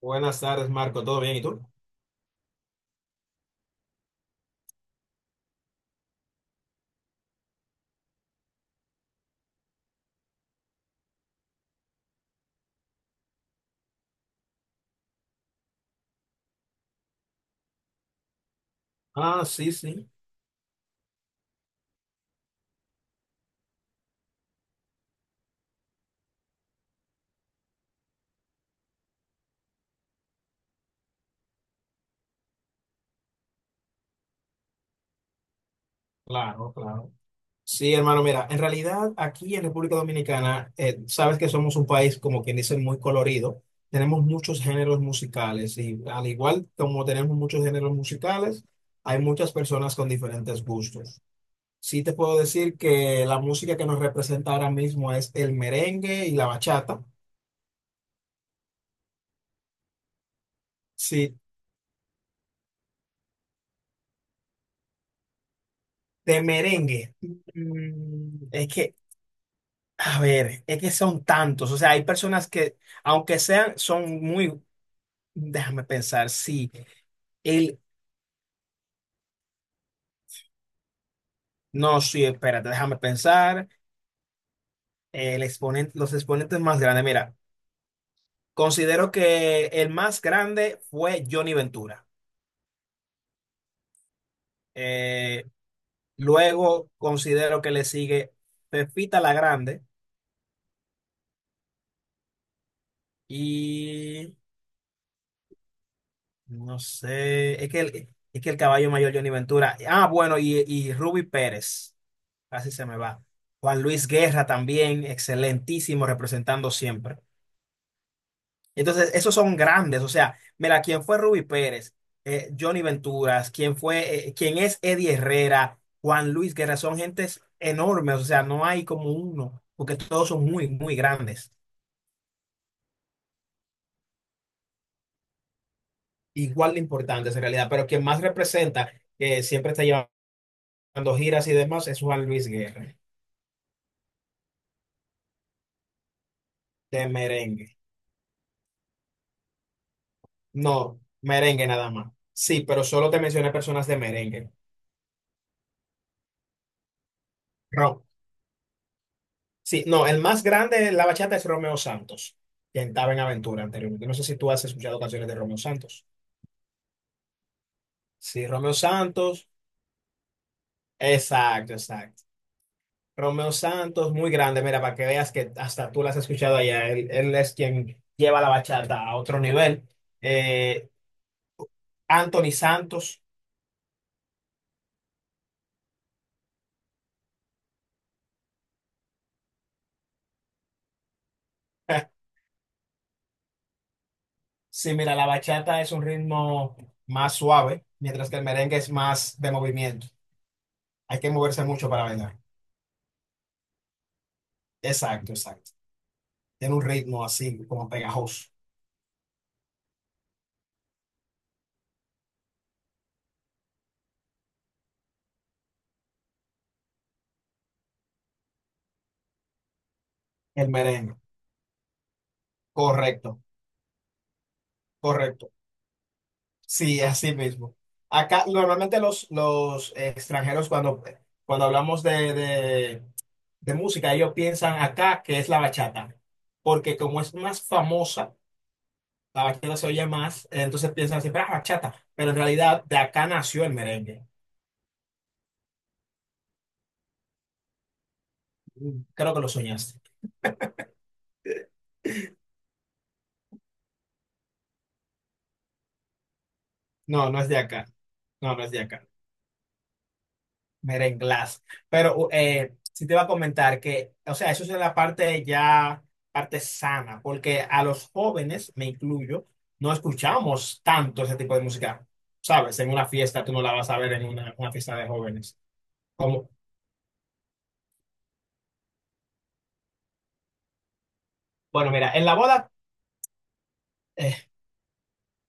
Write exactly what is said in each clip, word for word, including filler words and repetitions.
Buenas tardes, Marco. ¿Todo bien? ¿Y tú? Ah, sí, sí. Claro, claro. Sí, hermano, mira, en realidad aquí en República Dominicana, eh, sabes que somos un país, como quien dice, muy colorido. Tenemos muchos géneros musicales y al igual como tenemos muchos géneros musicales, hay muchas personas con diferentes gustos. Sí te puedo decir que la música que nos representa ahora mismo es el merengue y la bachata. Sí, de merengue. Mm, es que A ver, es que son tantos, o sea, hay personas que, aunque sean, son muy, déjame pensar, sí, el, no, sí, espérate, déjame pensar, el exponente, los exponentes más grandes, mira, considero que el más grande fue Johnny Ventura. Eh, luego considero que le sigue Pepita la Grande y, no sé, es que el, es que el caballo mayor Johnny Ventura, ah, bueno, y, y Ruby Pérez. Casi se me va. Juan Luis Guerra también, excelentísimo, representando siempre. Entonces, esos son grandes. O sea, mira, quién fue Ruby Pérez. Eh, Johnny Venturas, quién fue, eh, quién es Eddie Herrera, Juan Luis Guerra, son gentes enormes. O sea, no hay como uno, porque todos son muy, muy grandes. Igual de importantes en realidad, pero quien más representa, que siempre está llevando giras y demás, es Juan Luis Guerra, de merengue. No, merengue nada más. Sí, pero solo te mencioné personas de merengue. Rock. Sí, no, el más grande de la bachata es Romeo Santos, que estaba en Aventura anteriormente. No sé si tú has escuchado canciones de Romeo Santos. Sí, Romeo Santos, exacto, exacto. Romeo Santos, muy grande, mira, para que veas que hasta tú las has escuchado allá. Él, él es quien lleva la bachata a otro nivel. Eh, Anthony Santos. Sí, mira, la bachata es un ritmo más suave, mientras que el merengue es más de movimiento. Hay que moverse mucho para bailar. Exacto, exacto. Tiene un ritmo así, como pegajoso. El merengue, correcto, correcto. Sí, así mismo. Acá normalmente los, los extranjeros cuando, cuando hablamos de, de, de música, ellos piensan acá que es la bachata, porque como es más famosa, la bachata se oye más, entonces piensan siempre, ah, bachata, pero en realidad de acá nació el merengue. Mm. Creo que lo soñaste. No, no es de acá. No, no es de acá. Merenglás. Pero eh, sí te iba a comentar que, o sea, eso es la parte ya, parte sana, porque a los jóvenes, me incluyo, no escuchamos tanto ese tipo de música. Sabes, en una fiesta tú no la vas a ver en una, una fiesta de jóvenes. Como, bueno, mira, en la boda, eh,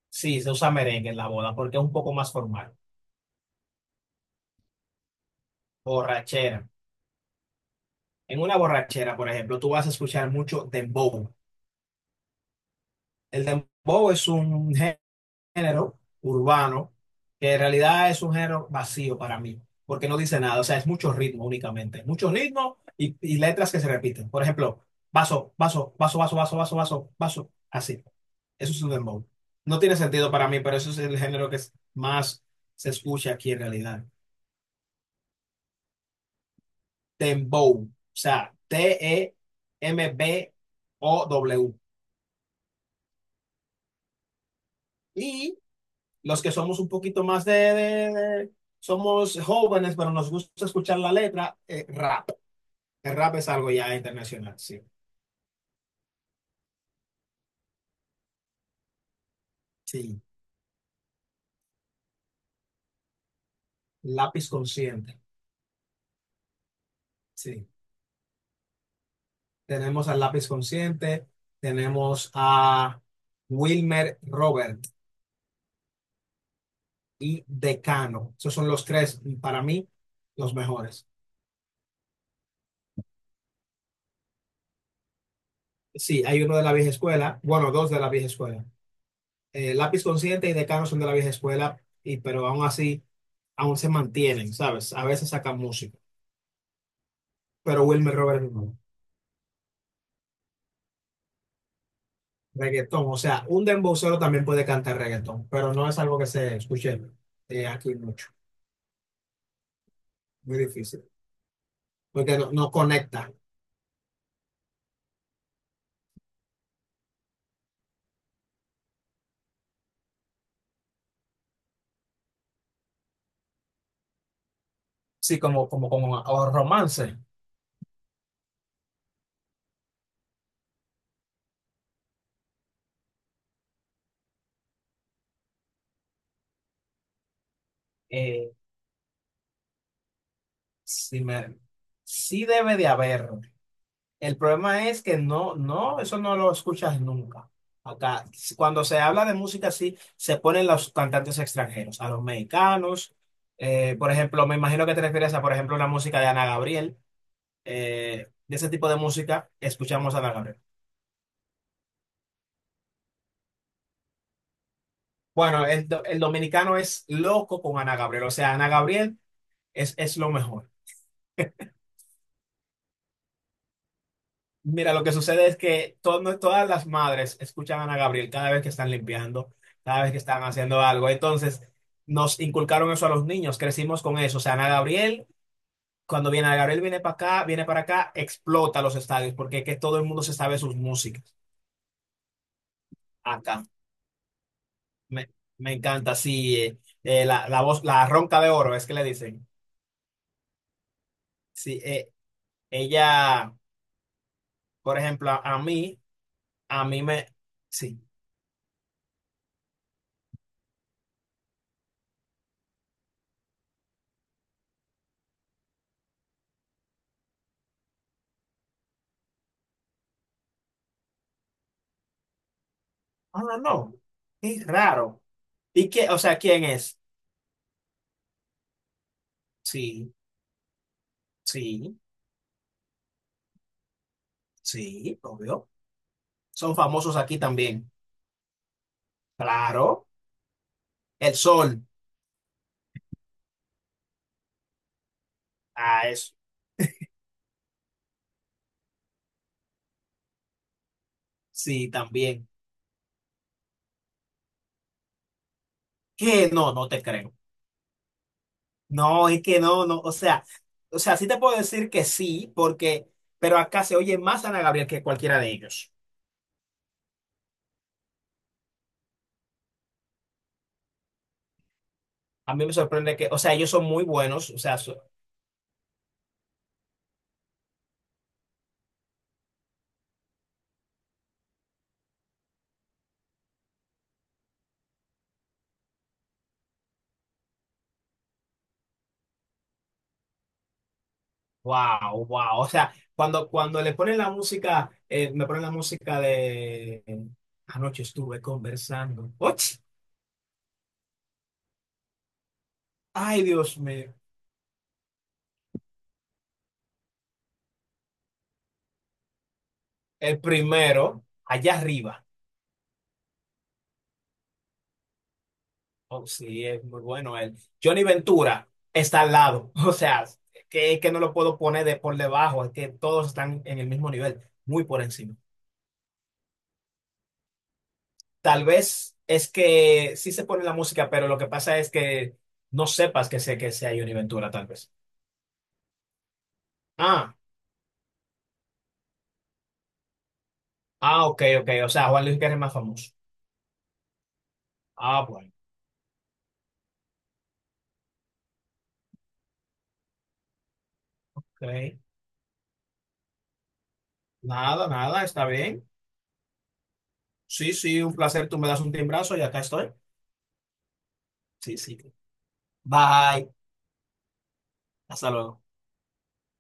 sí, se usa merengue en la boda porque es un poco más formal. Borrachera. En una borrachera, por ejemplo, tú vas a escuchar mucho dembow. El dembow es un género género urbano que en realidad es un género vacío para mí, porque no dice nada, o sea, es mucho ritmo únicamente, mucho ritmo y, y letras que se repiten. Por ejemplo, vaso, vaso, vaso, vaso, vaso, vaso, vaso, vaso, así. Eso es un dembow. No tiene sentido para mí, pero eso es el género que es- más se escucha aquí en realidad. Dembow, o sea, T E M B O W. Y los que somos un poquito más de, de- de- somos jóvenes, pero nos gusta escuchar la letra, eh, rap. El rap es algo ya internacional, sí. Sí. Lápiz Consciente, sí. Tenemos al Lápiz Consciente, tenemos a Wilmer Robert y Decano. Esos son los tres, para mí, los mejores. Sí, hay uno de la vieja escuela, bueno, dos de la vieja escuela. Eh, Lápiz Consciente y Decano son de la vieja escuela, y, pero aún así, aún se mantienen, ¿sabes? A veces sacan música. Pero Wilmer Roberts no. Reggaetón, o sea, un dembowcero también puede cantar reggaetón, pero no es algo que se escuche eh, aquí mucho, muy difícil, porque no, no conecta. Sí, como, como, como o romance. eh, sí, me, sí debe de haber. El problema es que no, no, eso no lo escuchas nunca. Acá, cuando se habla de música, sí, se ponen los cantantes extranjeros, a los mexicanos. eh, por ejemplo, me imagino que te refieres a, por ejemplo, la música de Ana Gabriel. eh, de ese tipo de música, escuchamos a Ana Gabriel. Bueno, el, do- el dominicano es loco con Ana Gabriel, o sea, Ana Gabriel es, es lo mejor. Mira, lo que sucede es que todo- todas las madres escuchan a Ana Gabriel cada vez que están limpiando, cada vez que están haciendo algo. Entonces, nos inculcaron eso a los niños, crecimos con eso. O sea, Ana Gabriel, cuando viene Ana Gabriel, viene para acá, viene para acá, explota los estadios, porque es que todo el mundo se sabe sus músicas acá. Me, me encanta, sí, eh, eh, la, la voz, la ronca de oro, es que le dicen. Sí, eh, ella, por ejemplo, a, a mí, a mí me, sí, ah, no, no, es raro. ¿Y qué, o sea, quién es? Sí, sí, sí, obvio. Son famosos aquí también. Claro, el sol, ah, eso, sí, también. ¿Qué? No, no te creo. No, es que no, no, o sea, o sea, sí te puedo decir que sí, porque, pero acá se oye más Ana Gabriel que cualquiera de ellos. A mí me sorprende que, o sea, ellos son muy buenos, o sea, so. Wow, wow. O sea, cuando, cuando le ponen la música, eh, me ponen la música de Anoche estuve conversando. ¡Och! Ay, Dios mío. El primero, allá arriba. Oh, sí, es muy bueno él. Johnny Ventura está al lado. O sea, que, que no lo puedo poner de por debajo, es que todos están en el mismo nivel, muy por encima. Tal vez es que sí se pone la música, pero lo que pasa es que no sepas que sé que sea Johnny Ventura, tal vez. Ah. Ah, ok, ok. O sea, Juan Luis Guerra es más famoso. Ah, bueno. Ok. Nada, nada, está bien. Sí, sí, un placer. Tú me das un timbrazo y acá estoy. Sí, sí. Bye. Hasta luego.